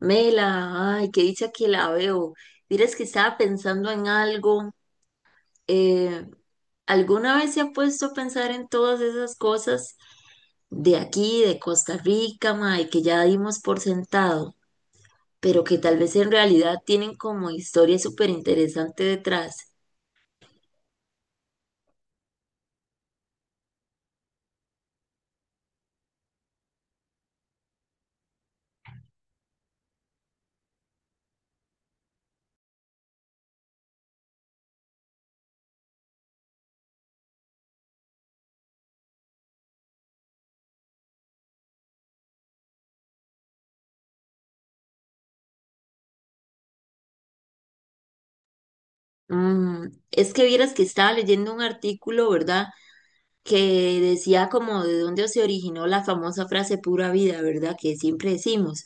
Mela, ay, qué dicha que la veo. Dirás que estaba pensando en algo. eh, ¿Alguna vez se ha puesto a pensar en todas esas cosas de aquí, de Costa Rica, mae, que ya dimos por sentado, pero que tal vez en realidad tienen como historia súper interesante detrás? Mm, es que vieras que estaba leyendo un artículo, ¿verdad? Que decía como de dónde se originó la famosa frase pura vida, ¿verdad? Que siempre decimos.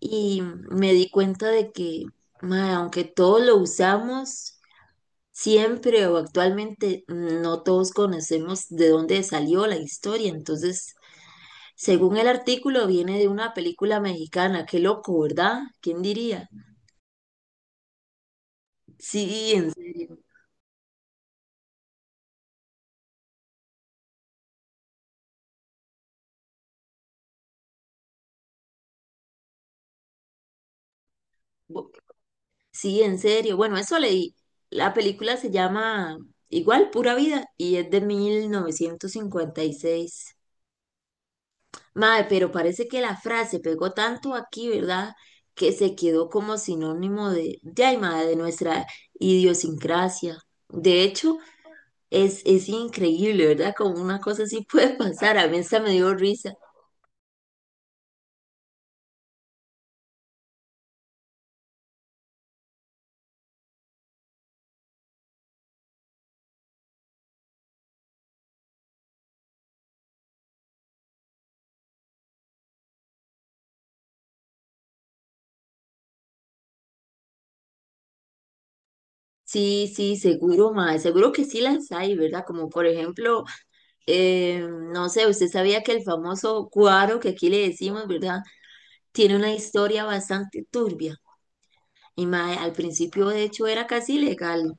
Y me di cuenta de que, mae, aunque todos lo usamos, siempre o actualmente no todos conocemos de dónde salió la historia. Entonces, según el artículo, viene de una película mexicana. Qué loco, ¿verdad? ¿Quién diría? Sí, en serio. Bu- Sí, en serio. Bueno, eso leí. La película se llama igual, Pura Vida, y es de 1956. Mae, pero parece que la frase pegó tanto aquí, ¿verdad? Que se quedó como sinónimo ay, mae, de nuestra idiosincrasia. De hecho, es increíble, ¿verdad? Como una cosa así puede pasar. A mí esta me dio risa. Sí, sí, seguro, mae. Seguro que sí las hay, ¿verdad? Como por ejemplo, eh, no sé, ¿usted sabía que el famoso cuaro que aquí le decimos, ¿verdad? Tiene una historia bastante turbia. Y mae, al principio de hecho era casi ilegal.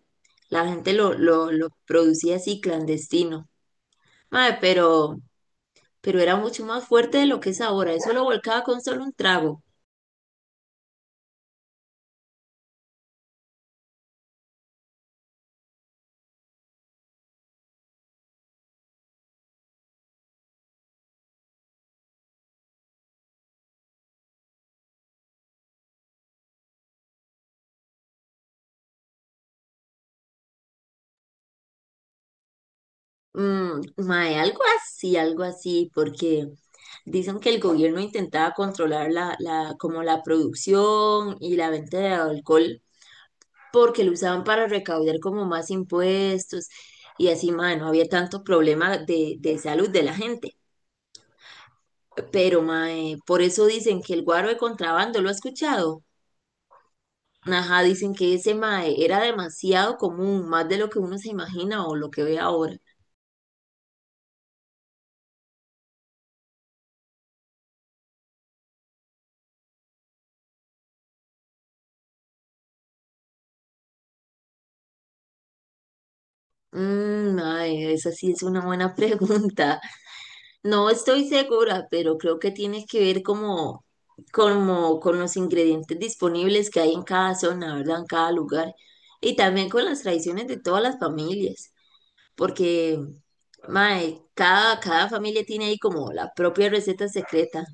La gente lo producía así clandestino. Mae, pero era mucho más fuerte de lo que es ahora. Eso lo volcaba con solo un trago. Mm, mae, algo así, porque dicen que el gobierno intentaba controlar como la producción y la venta de alcohol porque lo usaban para recaudar como más impuestos y así, mae, no había tanto problema de salud de la gente. Pero, mae, por eso dicen que el guaro de contrabando, ¿lo ha escuchado? Ajá, dicen que ese mae era demasiado común, más de lo que uno se imagina o lo que ve ahora. Mmm, mae, esa sí es una buena pregunta. No estoy segura, pero creo que tiene que ver como con los ingredientes disponibles que hay en cada zona, ¿verdad? En cada lugar. Y también con las tradiciones de todas las familias, porque, mae, cada familia tiene ahí como la propia receta secreta.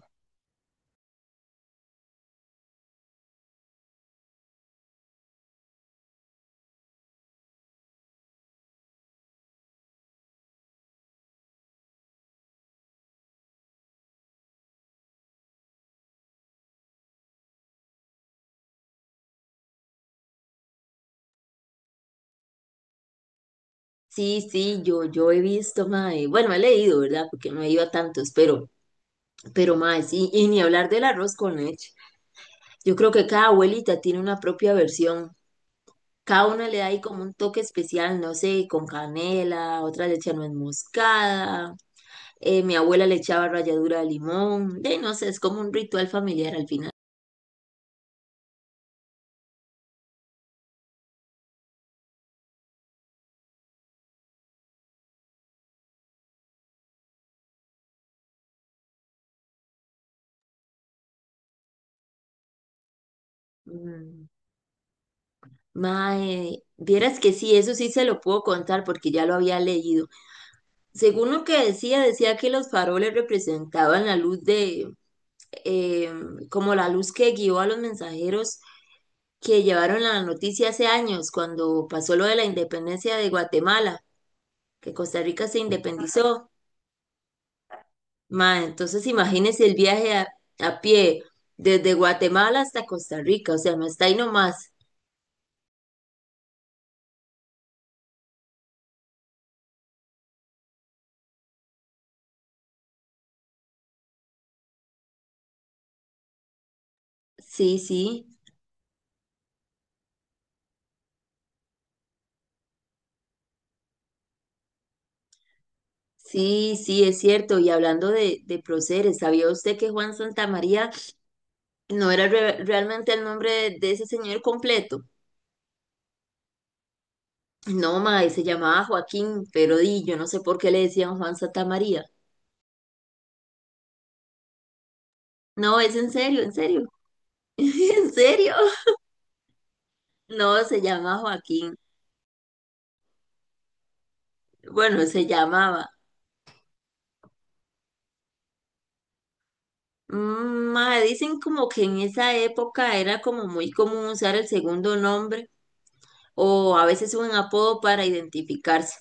Sí, sí, yo he visto, mae, bueno, he leído, ¿verdad? Porque no he ido a tantos, pero, mae, sí, y ni hablar del arroz con leche. Yo creo que cada abuelita tiene una propia versión. Cada una le da ahí como un toque especial, no sé, con canela, otra le echa nuez moscada, mi abuela le echaba ralladura de limón, de no sé, es como un ritual familiar al final. Mm, mae, vieras que sí, eso sí se lo puedo contar porque ya lo había leído. Según lo que decía, decía que los faroles representaban la luz de, eh, como la luz que guió a los mensajeros que llevaron la noticia hace años, cuando pasó lo de la independencia de Guatemala, que Costa Rica se independizó. Ma, entonces imagínese el viaje a pie desde Guatemala hasta Costa Rica, o sea, no está ahí nomás. Sí, sí, sí, sí, es cierto. Y hablando de próceres, ¿sabía usted que Juan Santamaría no era realmente el nombre de ese señor completo? No, mae, se llamaba Joaquín, pero di, yo no sé por qué le decían Juan Santa María. No, es en serio, en serio. ¿En serio? No, se llama Joaquín. Bueno, se llamaba. Mm, mae, dicen como que en esa época era como muy común usar el segundo nombre o a veces un apodo para identificarse.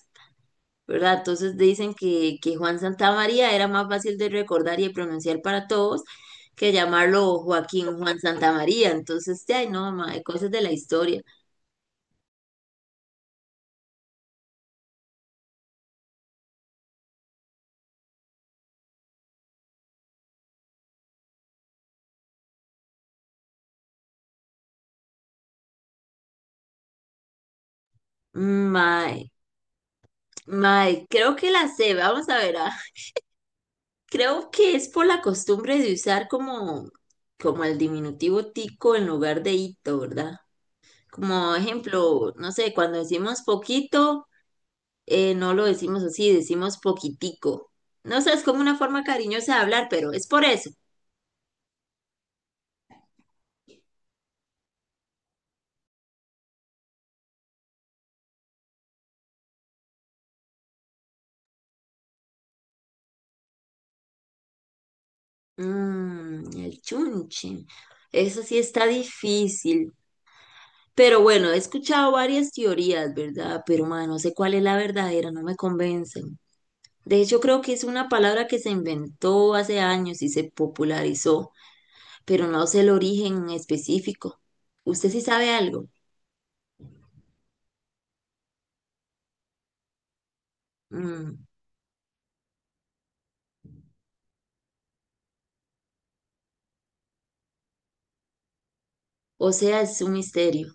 ¿Verdad? Entonces dicen que Juan Santamaría era más fácil de recordar y de pronunciar para todos que llamarlo Joaquín Juan Santamaría. Entonces, ay, no, mae, cosas de la historia. Mae, mae, creo que la sé, vamos a ver. Ah. Creo que es por la costumbre de usar como el diminutivo tico en lugar de hito, ¿verdad? Como ejemplo, no sé, cuando decimos poquito. No lo decimos así, decimos poquitico. No sé, es como una forma cariñosa de hablar, pero es por eso. Mm, el chunche. Eso sí está difícil. Pero bueno, he escuchado varias teorías, ¿verdad? Pero ma, no sé cuál es la verdadera, no me convencen. De hecho, creo que es una palabra que se inventó hace años y se popularizó, pero no sé el origen específico. ¿Usted sí sabe algo? Mm, o sea, es un misterio.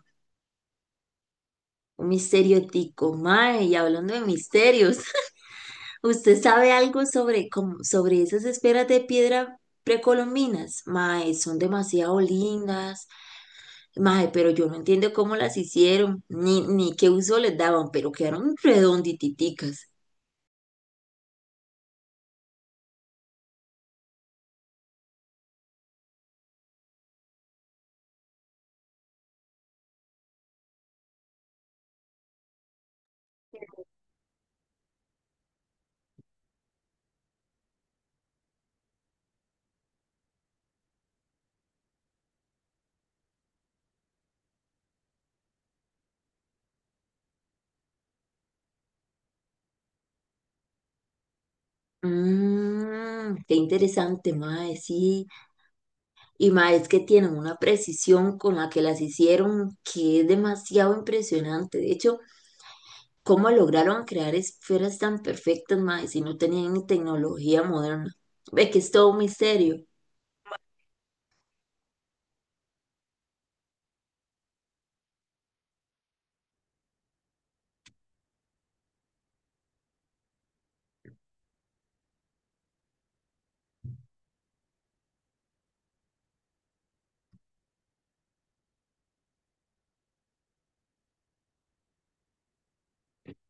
Un misterio tico, mae, y hablando de misterios, ¿usted sabe algo sobre, como, sobre esas esferas de piedra precolombinas? Mae, son demasiado lindas, mae, pero yo no entiendo cómo las hicieron, ni qué uso les daban, pero quedaron redondititicas. Mmm, qué interesante, mae, sí. Y mae, es que tienen una precisión con la que las hicieron que es demasiado impresionante. De hecho, ¿cómo lograron crear esferas tan perfectas, mae, si no tenían ni tecnología moderna? Ve que es todo un misterio.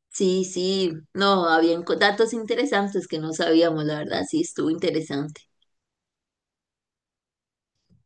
Sí, sí, no, habían datos interesantes que no sabíamos, la verdad, sí, estuvo interesante.